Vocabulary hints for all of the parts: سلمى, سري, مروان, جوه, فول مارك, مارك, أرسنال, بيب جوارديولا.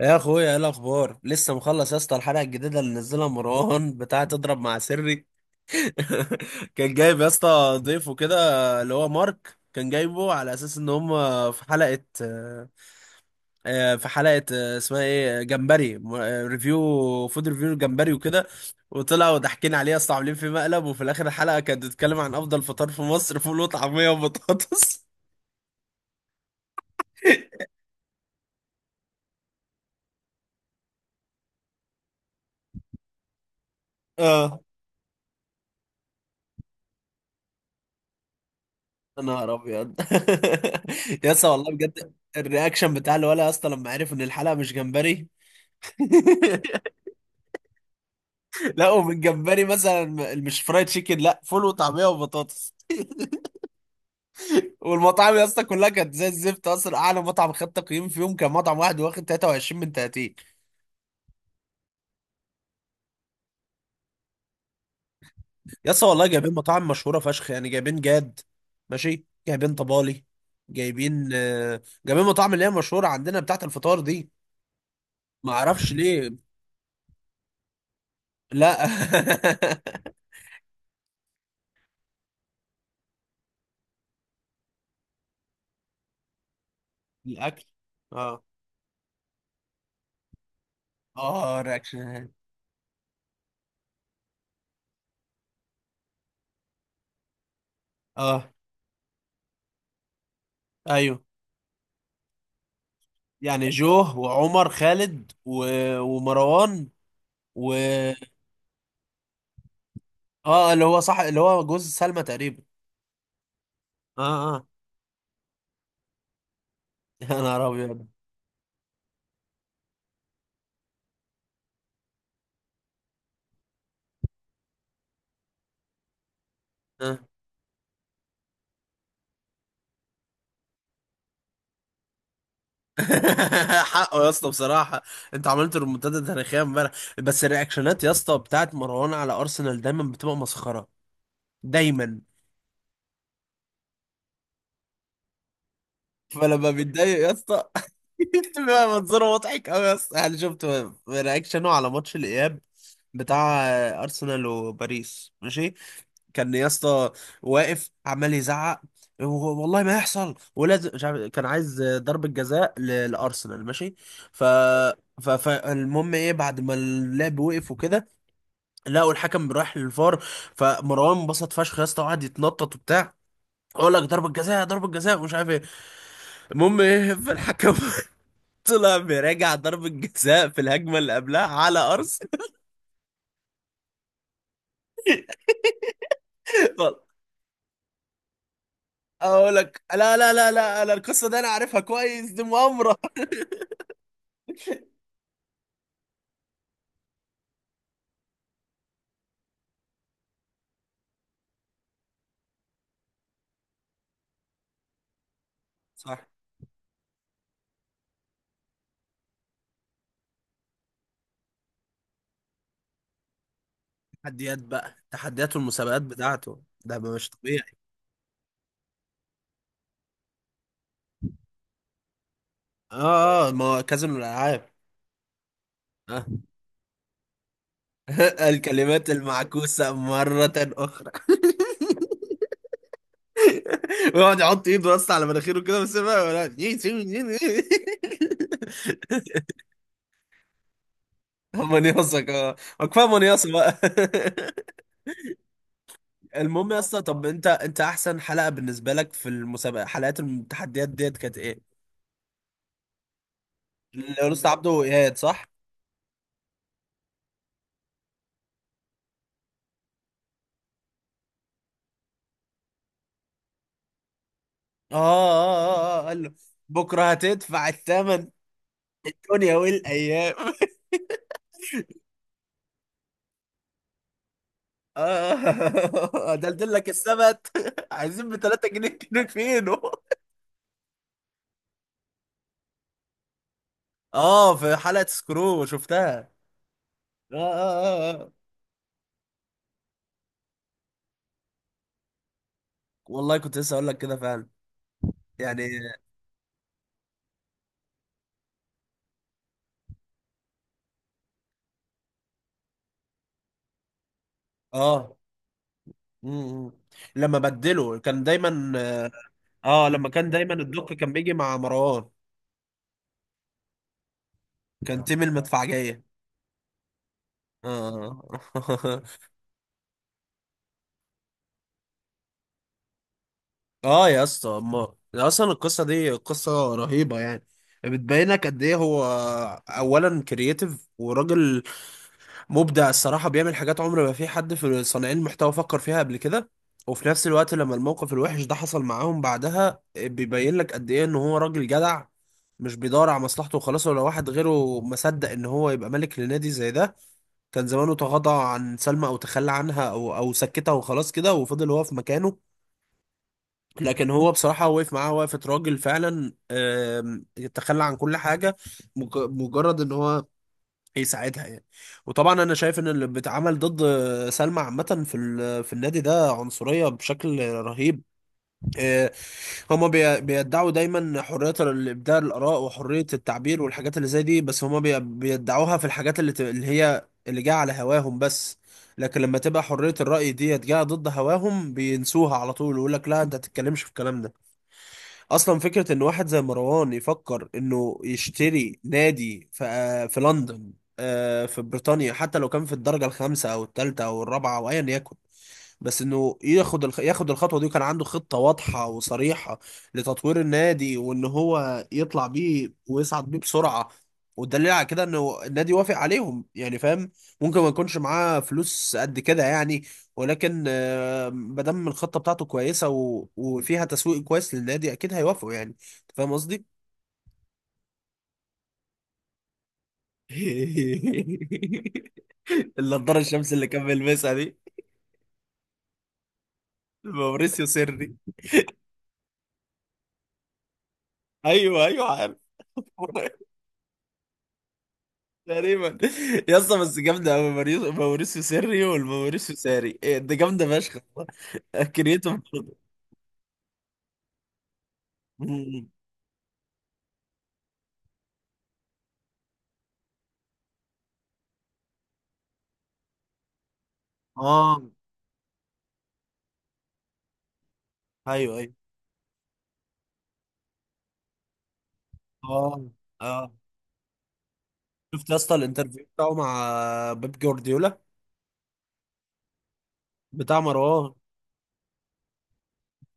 يا اخويا ايه الاخبار لسه مخلص يا اسطى؟ الحلقه الجديده اللي نزلها مروان بتاعه تضرب مع سري. كان جايب يا اسطى ضيفه كده، اللي هو مارك، كان جايبه على اساس ان هم في حلقه. في حلقه اسمها ايه؟ جمبري ريفيو، فود ريفيو جمبري وكده. وطلعوا ضاحكين عليه يا اسطى، عاملين في مقلب، وفي الاخر الحلقه كانت بتتكلم عن افضل فطار في مصر: فول وطعميه وبطاطس. اه، يا نهار ابيض. يا اسطى والله بجد، الرياكشن بتاع الولا يا اسطى لما عرف ان الحلقه مش جمبري. لا، ومن جمبري مثلا، مش فرايد تشيكن، لا، فول وطعميه وبطاطس. والمطاعم يا اسطى كلها كانت زي الزفت. اصلا اعلى مطعم خد تقييم فيهم كان مطعم واحد واخد 23 من 30. يا اسطى والله جايبين مطاعم مشهوره فشخ، يعني جايبين جاد، ماشي، جايبين طبالي، جايبين مطاعم اللي هي مشهوره عندنا بتاعت الفطار دي. ما اعرفش ليه. لا. الاكل. اه اه، رياكشن. اه، ايوه، يعني جوه وعمر خالد ومروان و اه، اللي هو صح، اللي هو جوز سلمى تقريبا. اه اه. يا نهار ابيض. آه. حقه يا اسطى بصراحه. انت عملت ريمونتادا تاريخيه امبارح. بس الرياكشنات يا اسطى بتاعت مروان على ارسنال دايما بتبقى مسخره، دايما. فلما بيتضايق يا اسطى بيبقى منظره مضحك قوي يا اسطى. يعني شفت رياكشنه على ماتش الاياب بتاع ارسنال وباريس؟ ماشي، كان يا اسطى واقف عمال يزعق، والله ما يحصل، ولازم مش عارف- كان عايز ضربة جزاء لارسنال ماشي. ف فالمهم ايه، بعد ما اللعب وقف وكده لقوا الحكم رايح للفار. فمروان انبسط فشخ يا اسطى وقعد يتنطط وبتاع: اقول لك ضربة جزاء ضربة جزاء ومش عارف ايه. المهم ايه، فالحكم طلع مراجع ضربة جزاء في الهجمة اللي قبلها على أرسنال. أقول لك لا لا لا لا، أنا القصة دي أنا عارفها كويس، دي مؤامرة. صح. تحديات بقى، تحديات والمسابقات بتاعته ده بقى مش طبيعي. آه ما هو كازينو الألعاب. آه. الكلمات المعكوسة مرة أخرى. ويقعد يحط إيده بس على مناخيره كده بس بقى هو منيصة كمان؟ كفاية منيصة بقى. المهم يا اسطى، طب انت احسن حلقه بالنسبه لك في المسابقه، حلقات التحديات ديت، كانت ايه؟ لوست عبده وايهاب، صح؟ اه اه اه اه، قال له بكره هتدفع الثمن، الدنيا والايام. اه ده لك السبت، عايزين ب 3 جنيه كيلو فينو. اه في حلقه سكرو، شفتها. اه اه اه اه. والله كنت لسه اقول لك كده فعلا يعني. اه م- م. لما بدله كان دايما. اه، لما كان دايما الدق كان بيجي مع مروان. كان تيم المدفعجية. اه. اه يا اسطى، اما اصلا القصة دي قصة رهيبة يعني. بتبينك قد ايه هو، اولا، كرييتيف وراجل مبدع الصراحة، بيعمل حاجات عمر ما في حد في صانعين المحتوى فكر فيها قبل كده. وفي نفس الوقت لما الموقف الوحش ده حصل معاهم بعدها، بيبين لك قد ايه ان هو راجل جدع، مش بيدور على مصلحته وخلاص. ولا واحد غيره مصدق ان هو يبقى ملك لنادي زي ده. كان زمانه تغاضى عن سلمى او تخلى عنها او او سكتها وخلاص كده، وفضل هو في مكانه. لكن هو بصراحة وقف معاها وقفة راجل فعلا. تخلى عن كل حاجة، مجرد ان هو يساعدها يعني. وطبعا انا شايف ان اللي بيتعمل ضد سلمى عامة في في النادي ده عنصرية بشكل رهيب. آه، هما بيدعوا دايما حرية الإبداع، الآراء وحرية التعبير والحاجات اللي زي دي، بس هما بيدعوها في الحاجات اللي هي اللي جاية على هواهم بس. لكن لما تبقى حرية الرأي دي جاية ضد هواهم بينسوها على طول، ويقول لك لا أنت تتكلمش في الكلام ده. أصلا فكرة إن واحد زي مروان يفكر إنه يشتري نادي في لندن، في بريطانيا، حتى لو كان في الدرجة الخامسة أو الثالثة أو الرابعة أو أيا يكن. بس انه ياخد ياخد الخطوه دي، وكان عنده خطه واضحه وصريحه لتطوير النادي، وان هو يطلع بيه ويصعد بيه بسرعه. والدليل على كده انه النادي وافق عليهم، يعني فاهم؟ ممكن ما يكونش معاه فلوس قد كده يعني، ولكن ما دام الخطه بتاعته كويسه وفيها تسويق كويس للنادي اكيد هيوافقوا. يعني أنت فاهم قصدي؟ النضاره الشمس اللي كان بيلبسها دي، موريسيو سري. ايوه ايوه عارف. تقريبا. يا اسطى بس جامده قوي، موريسيو سيري والموريسيو ساري، إيه ده، جامده فشخ. كرييتيف برضه. أمم. اه، ايوه ايوه. اه اه. شفت يا اسطى الانترفيو بتاعه مع بيب جوارديولا؟ بتاع مروان.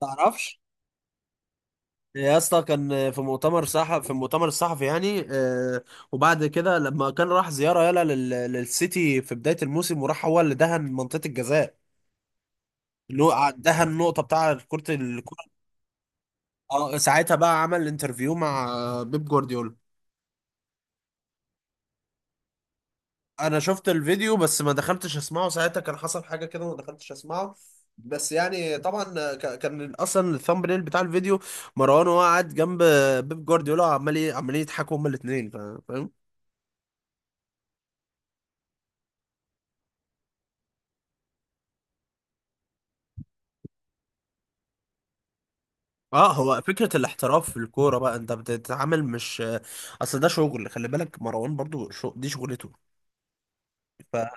تعرفش؟ يا اسطى كان في مؤتمر صحفي، في المؤتمر الصحفي يعني آه، وبعد كده لما كان راح زياره يلا للسيتي في بدايه الموسم، وراح هو اللي دهن منطقه الجزاء، اللي هو دهن النقطه بتاع كره. اه، ساعتها بقى عمل انترفيو مع بيب جوارديولا. انا شفت الفيديو بس ما دخلتش اسمعه، ساعتها كان حصل حاجه كده وما دخلتش اسمعه. بس يعني طبعا كان اصلا الثامب نيل بتاع الفيديو مروان وهو قاعد جنب بيب جوارديولا، وعمال عمالين يضحكوا هما الاثنين، فاهم. اه، هو فكره الاحتراف في الكوره بقى انت بتتعامل مش، اصل ده شغل. خلي بالك مروان برضو دي شغلته. اه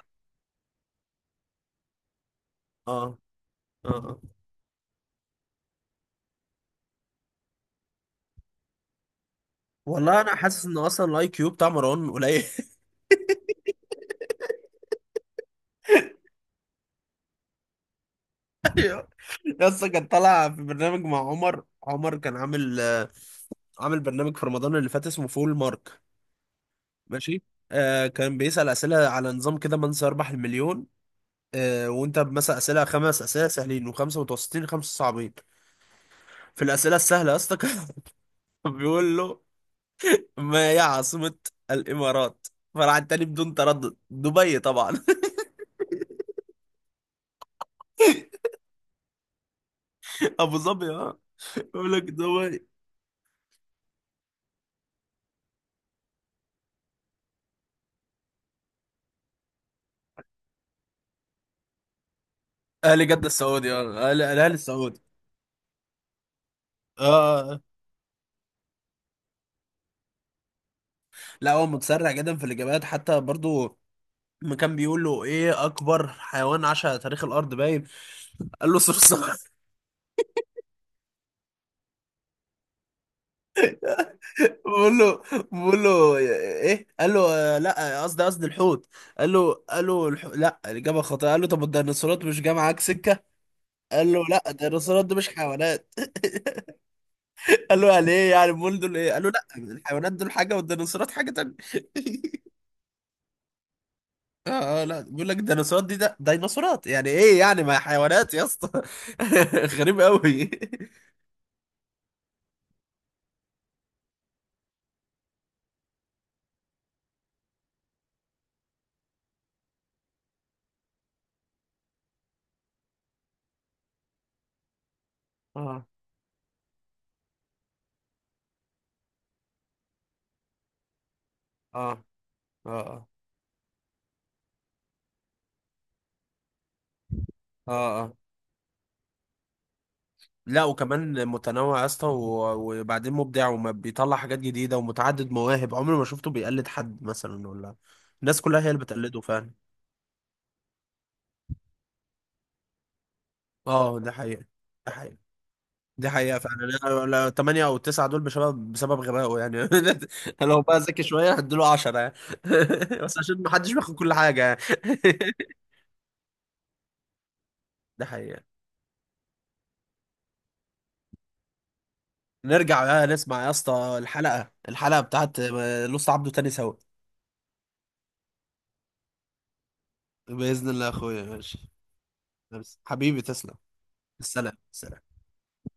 اه اه. والله انا حاسس ان اصلا الاي كيو بتاع مروان قليل. يس، كان طالع في برنامج مع عمر، عمر كان عامل عامل برنامج في رمضان اللي فات اسمه فول مارك، ماشي. آه، كان بيسأل أسئلة على نظام كده من سيربح المليون. آه، وانت مثلا أسئلة، خمس أسئلة سهلين وخمسة متوسطين، خمسة صعبين. في الأسئلة السهلة يا اسطى كان بيقول له: ما هي عاصمة الإمارات؟ فراح التاني بدون تردد: دبي طبعا. أبو ظبي اه، يقول لك دبي. أهلي جدة السعودي، اه، الأهلي السعودي. اه لا، هو متسرع جدا في الاجابات. حتى برضو ما كان بيقول له: ايه اكبر حيوان عاش على تاريخ الارض؟ باين قال له صرصار. بقول له، بقول له ايه، قال له لا قصدي، قصدي الحوت. قال له، قال له لا، الاجابه خاطئه. قال له: طب الديناصورات مش جايه معاك سكه؟ قال له: لا، الديناصورات دي مش حيوانات. قال له: يعني ايه؟ يعني امال دول ايه؟ قال له: لا، الحيوانات دول حاجه والديناصورات حاجه تانيه. اه اه، لا بيقول لك الديناصورات دي، ده ديناصورات يعني ايه يعني؟ ما هي حيوانات يا اسطى. غريب قوي. اه اه اه اه اه اه. لا، وكمان متنوع يا اسطى، وبعدين مبدع وما بيطلع حاجات جديده ومتعدد مواهب، عمري ما شفته بيقلد حد مثلا، ولا الناس كلها هي اللي بتقلده فعلا. اه ده حقيقة، ده حقيقة. دي حقيقة فعلا. لا لا، تمانية أو تسعة دول بسبب بسبب غبائه يعني. لو بقى ذكي شوية هديله عشرة يعني. بس عشان محدش بياخد كل حاجة يعني. ده حقيقة. نرجع بقى نسمع يا اسطى الحلقة، الحلقة بتاعت لوست عبده تاني سوا. بإذن الله يا أخويا، ماشي. حبيبي تسلم. السلام السلام.